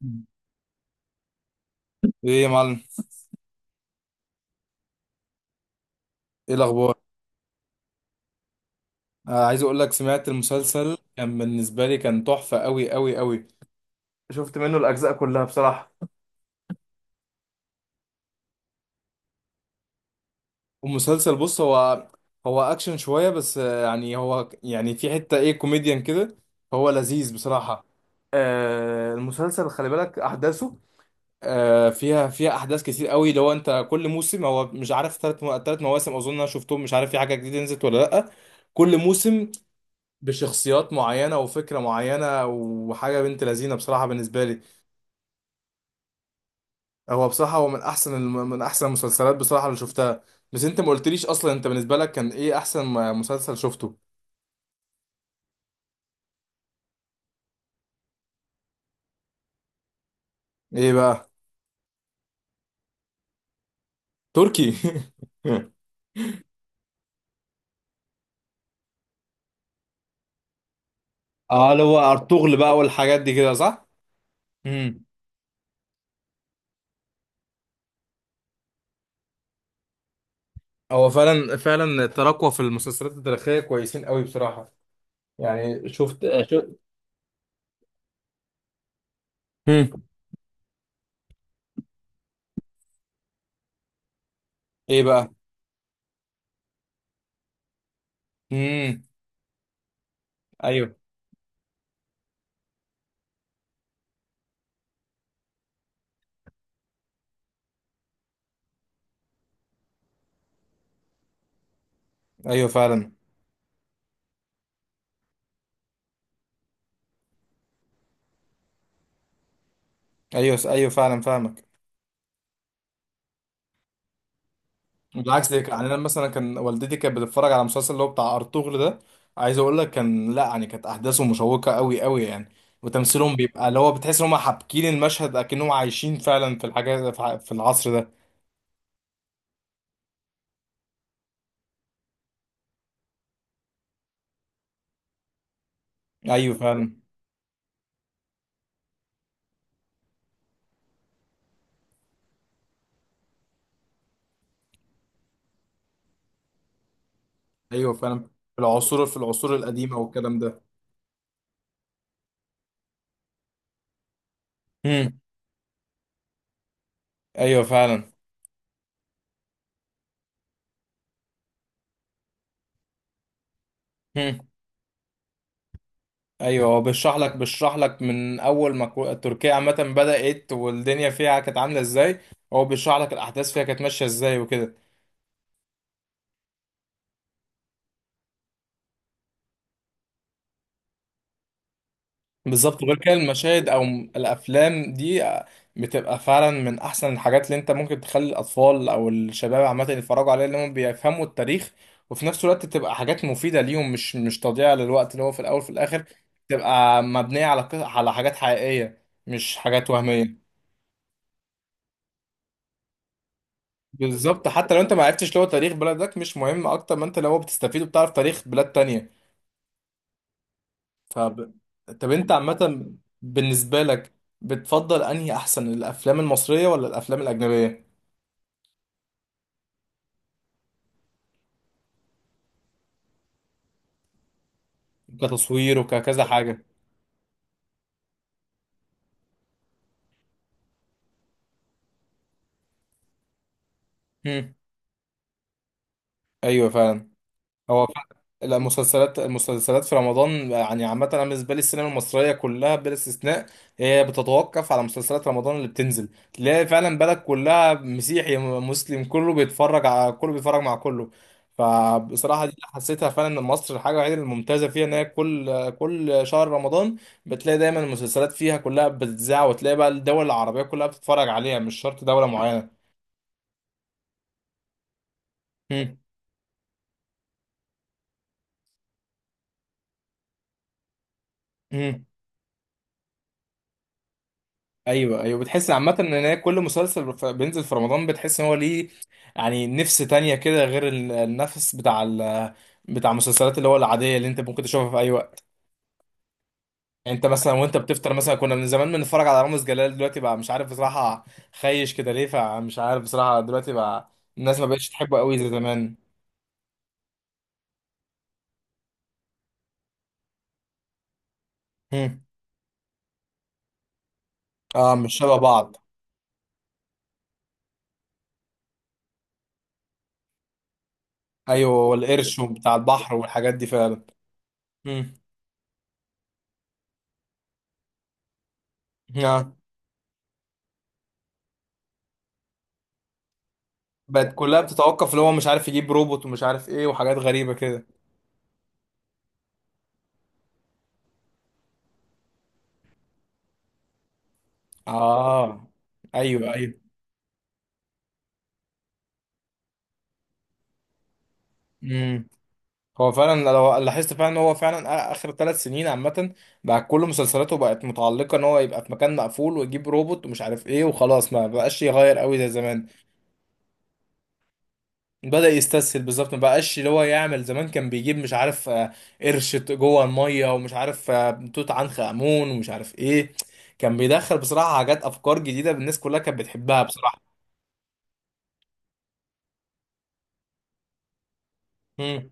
مم. ايه يا معلم. ايه الاخبار؟ آه، عايز اقول لك سمعت المسلسل، كان بالنسبه لي كان تحفه قوي قوي قوي. شفت منه الاجزاء كلها بصراحه. والمسلسل بص، هو اكشن شويه بس، يعني هو يعني في حته ايه كوميديان كده. هو لذيذ بصراحه. آه، المسلسل خلي بالك احداثه، آه فيها احداث كتير قوي. لو انت كل موسم هو مش عارف، ثلاث مواسم اظن انا شفتهم، مش عارف في حاجه جديده نزلت ولا لا. كل موسم بشخصيات معينة وفكرة معينة وحاجة بنت لذينة بصراحة بالنسبة لي. هو بصراحة هو من أحسن المسلسلات بصراحة اللي شفتها. بس أنت ما قلتليش أصلا، أنت بالنسبة لك كان إيه أحسن مسلسل شفته؟ إيه بقى؟ تركي؟ اه، اللي هو ارطغرل بقى والحاجات دي كده، صح؟ امم. هو فعلا فعلا تراكوا في المسلسلات التاريخية كويسين قوي بصراحة. يعني شفت. مم. ايه بقى؟ امم. ايوه ايوه فعلا. ايوه ايوه فعلا فاهمك. بالعكس، ده يعني انا مثلا كان والدتي كانت بتتفرج على المسلسل اللي هو بتاع ارطغرل ده. عايز اقول لك كان، لا يعني كانت احداثه مشوقه قوي قوي يعني. وتمثيلهم بيبقى اللي هو بتحس ان هم حابكين المشهد اكنهم عايشين فعلا في الحاجات، في العصر ده. ايوه فعلا. ايوه فعلا في العصور القديمه والكلام ده. امم. ايوه فعلا. امم. ايوه، هو بيشرح لك من اول ما تركيا عامه بدات والدنيا فيها كانت عامله ازاي. هو بيشرح لك الاحداث فيها كانت ماشيه ازاي وكده. بالظبط، غير كده المشاهد او الافلام دي بتبقى فعلا من احسن الحاجات اللي انت ممكن تخلي الاطفال او الشباب عامه يتفرجوا عليها، اللي هم بيفهموا التاريخ وفي نفس الوقت تبقى حاجات مفيده ليهم. مش تضييع للوقت اللي هو في الاول وفي الاخر تبقى مبنيه على على حاجات حقيقيه مش حاجات وهميه. بالظبط، حتى لو انت ما عرفتش اللي هو تاريخ بلدك، مش مهم اكتر ما انت لو بتستفيد وبتعرف تاريخ بلاد تانية. فب... طب انت عامة بالنسبة لك بتفضل انهي، احسن الافلام المصرية ولا الافلام الاجنبية؟ كتصوير وككذا حاجة. مم. ايوه فعلا. هو فعلا المسلسلات في رمضان. يعني عامة أنا بالنسبة لي السينما المصرية كلها بلا استثناء، هي بتتوقف على مسلسلات رمضان. اللي بتنزل تلاقي فعلا بلد كلها، مسيحي مسلم، كله بيتفرج على كله، بيتفرج مع كله. فبصراحة دي اللي حسيتها فعلا، إن مصر الحاجة الوحيدة الممتازة فيها إن هي كل شهر رمضان بتلاقي دايما المسلسلات فيها كلها بتتذاع، وتلاقي بقى الدول العربية كلها بتتفرج عليها، مش شرط دولة معينة. مم. ايوه ايوه بتحس عامه ان هي كل مسلسل بينزل في رمضان بتحس ان هو ليه، يعني نفس تانية كده غير النفس بتاع بتاع المسلسلات اللي هو العاديه اللي انت ممكن تشوفها في اي وقت. يعني انت مثلا وانت بتفطر مثلا كنا من زمان بنتفرج على رامز جلال. دلوقتي بقى مش عارف بصراحه، خايش كده ليه. فمش عارف بصراحه دلوقتي بقى الناس ما بقتش تحبه قوي زي زمان. هم. اه، مش شبه بعض. ايوه، والقرش وبتاع البحر والحاجات دي فعلا. هم. آه. بقت كلها بتتوقف اللي هو مش عارف، يجيب روبوت ومش عارف ايه وحاجات غريبه كده. اه ايوه ايوه. امم. هو فعلا لو لاحظت فعلا ان هو فعلا اخر 3 سنين عامه بقى كل مسلسلاته بقت متعلقه ان هو يبقى في مكان مقفول ويجيب روبوت ومش عارف ايه وخلاص، ما بقاش يغير قوي زي زمان. بدأ يستسهل بالظبط، ما بقاش اللي هو يعمل زمان. كان بيجيب، مش عارف، قرش جوه الميه، ومش عارف، توت عنخ امون، ومش عارف ايه. كان بيدخل بصراحه حاجات افكار جديده الناس كلها كانت بتحبها. بصراحه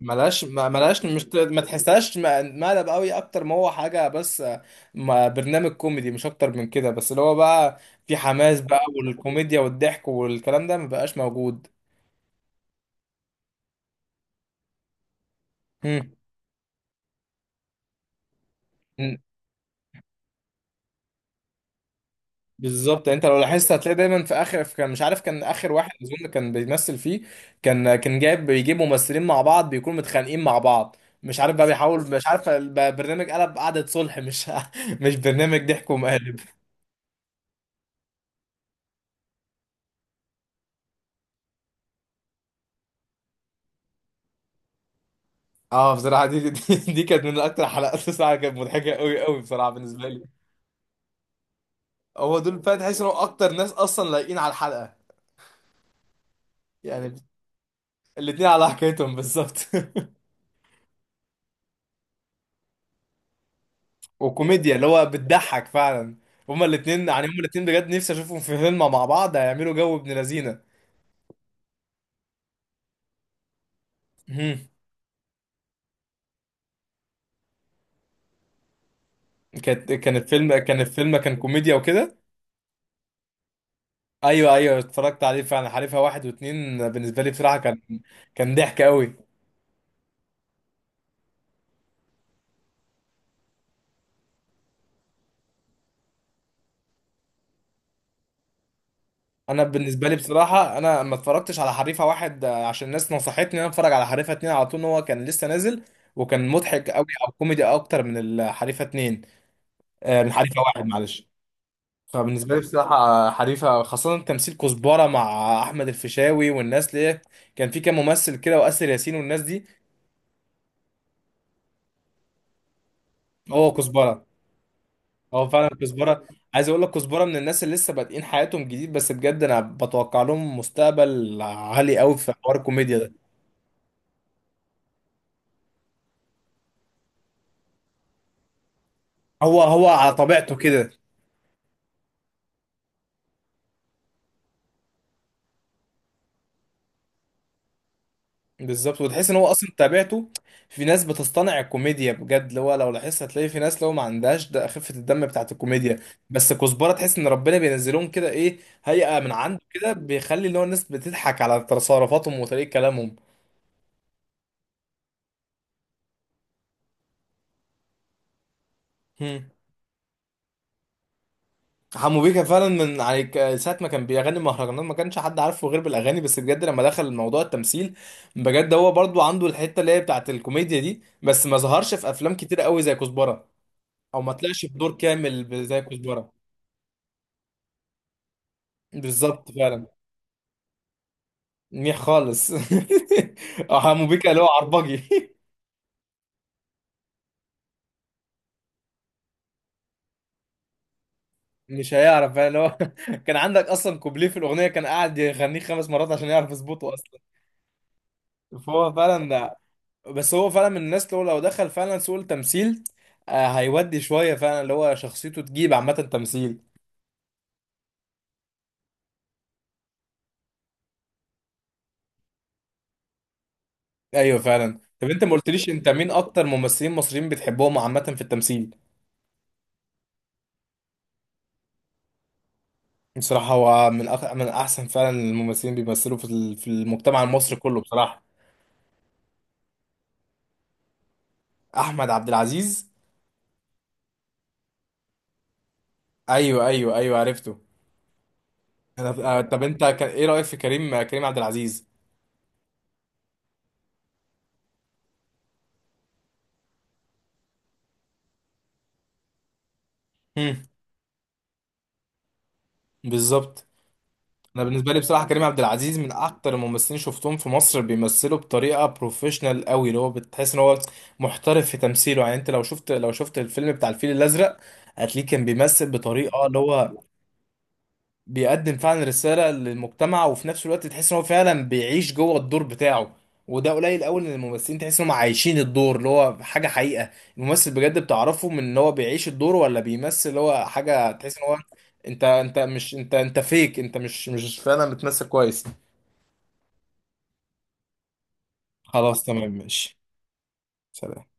ملهاش مش ما تحسهاش مقلب قوي اكتر ما هو حاجه. بس برنامج كوميدي مش اكتر من كده. بس اللي هو بقى في حماس بقى، والكوميديا والضحك والكلام ده ما بقاش موجود. مم. مم. بالظبط، يعني انت لو لاحظت هتلاقي دايما في اخر، في كان مش عارف كان اخر واحد اظن كان بيمثل فيه، كان بيجيب ممثلين مع بعض بيكونوا متخانقين مع بعض. مش عارف بقى بيحاول، مش عارف البرنامج قلب قعدة صلح، مش مش برنامج ضحك ومقالب. اه بصراحة، دي كانت من اكتر حلقات بصراحة، كانت مضحكة قوي قوي بصراحة بالنسبة لي. هو دول فعلا تحس انهم اكتر ناس اصلا لايقين على الحلقة. يعني الاتنين على حكايتهم بالظبط. وكوميديا اللي هو بتضحك فعلا. هما الاتنين، يعني هما الاتنين بجد نفسي اشوفهم في فيلم مع بعض، هيعملوا جو ابن لذينة. مهم. كانت كان الفيلم كان كوميديا وكده. ايوه ايوه اتفرجت عليه فعلا. حريفة واحد واتنين بالنسبة لي بصراحة كان كان ضحك قوي. انا بالنسبه لي بصراحه، انا ما اتفرجتش على حريفه واحد، عشان الناس نصحتني ان انا اتفرج على حريفه اتنين على طول، ان هو كان لسه نازل وكان مضحك قوي او كوميدي اكتر من الحريفه اتنين، من حريفه واحد معلش. فبالنسبه لي بصراحه حريفه خاصه تمثيل كزبره مع احمد الفيشاوي والناس ليه. كان في كام ممثل كده، واسر ياسين والناس دي. هو كزبره. هو فعلا كزبره. عايز اقول لك كزبره من الناس اللي لسه بادئين حياتهم جديد، بس بجد انا بتوقع لهم مستقبل عالي قوي في حوار الكوميديا ده. هو على طبيعته كده. بالظبط، وتحس ان هو اصلا تابعته. في ناس بتصطنع الكوميديا بجد، اللي هو لو لاحظت هتلاقي في ناس لو ما عندهاش ده خفة الدم بتاعت الكوميديا. بس كزبرة تحس ان ربنا بينزلهم كده ايه، هيئة من عنده كده، بيخلي اللي هو الناس بتضحك على تصرفاتهم وطريقة كلامهم. هم. حمو بيكا فعلا من يعني ساعة ما كان بيغني مهرجانات ما كانش حد عارفه غير بالأغاني. بس بجد لما دخل موضوع التمثيل، بجد هو برضو عنده الحتة اللي هي بتاعت الكوميديا دي. بس ما ظهرش في أفلام كتير قوي زي كزبرة، أو ما طلعش بدور كامل زي كزبرة. بالظبط فعلا. منيح خالص. حمو بيكا اللي هو عربجي. مش هيعرف فعلا اللي هو كان عندك اصلا كوبليه في الاغنيه كان قاعد يغنيه 5 مرات عشان يعرف يظبطه اصلا. فهو فعلا ده. بس هو فعلا من الناس اللي هو لو دخل فعلا سوق التمثيل، هيودي شويه فعلا اللي هو شخصيته تجيب عامه تمثيل. ايوه فعلا. طب انت ما قلتليش انت مين اكتر ممثلين مصريين بتحبهم عامه في التمثيل؟ بصراحه هو من من احسن فعلا الممثلين بيمثلوا في في المجتمع المصري كله بصراحه. احمد عبد العزيز. ايوه ايوه ايوه عرفته. انا طب انت ايه رايك في كريم عبد العزيز؟ امم. بالظبط. انا بالنسبه لي بصراحه كريم عبد العزيز من اكتر الممثلين شفتهم في مصر بيمثلوا بطريقه بروفيشنال قوي. اللي هو بتحس ان هو محترف في تمثيله. يعني انت لو شفت الفيلم بتاع الفيل الازرق، هتلاقيه كان بيمثل بطريقه اللي هو بيقدم فعلا رسالة للمجتمع، وفي نفس الوقت تحس ان هو فعلا بيعيش جوه الدور بتاعه. وده قليل قوي ان الممثلين تحس انهم عايشين الدور، اللي هو حاجة حقيقة. الممثل بجد بتعرفه من ان هو بيعيش الدور ولا بيمثل، اللي هو حاجة تحس ان هو انت انت مش انت انت فيك انت مش فعلا بتمثل كويس. خلاص تمام ماشي. سلام.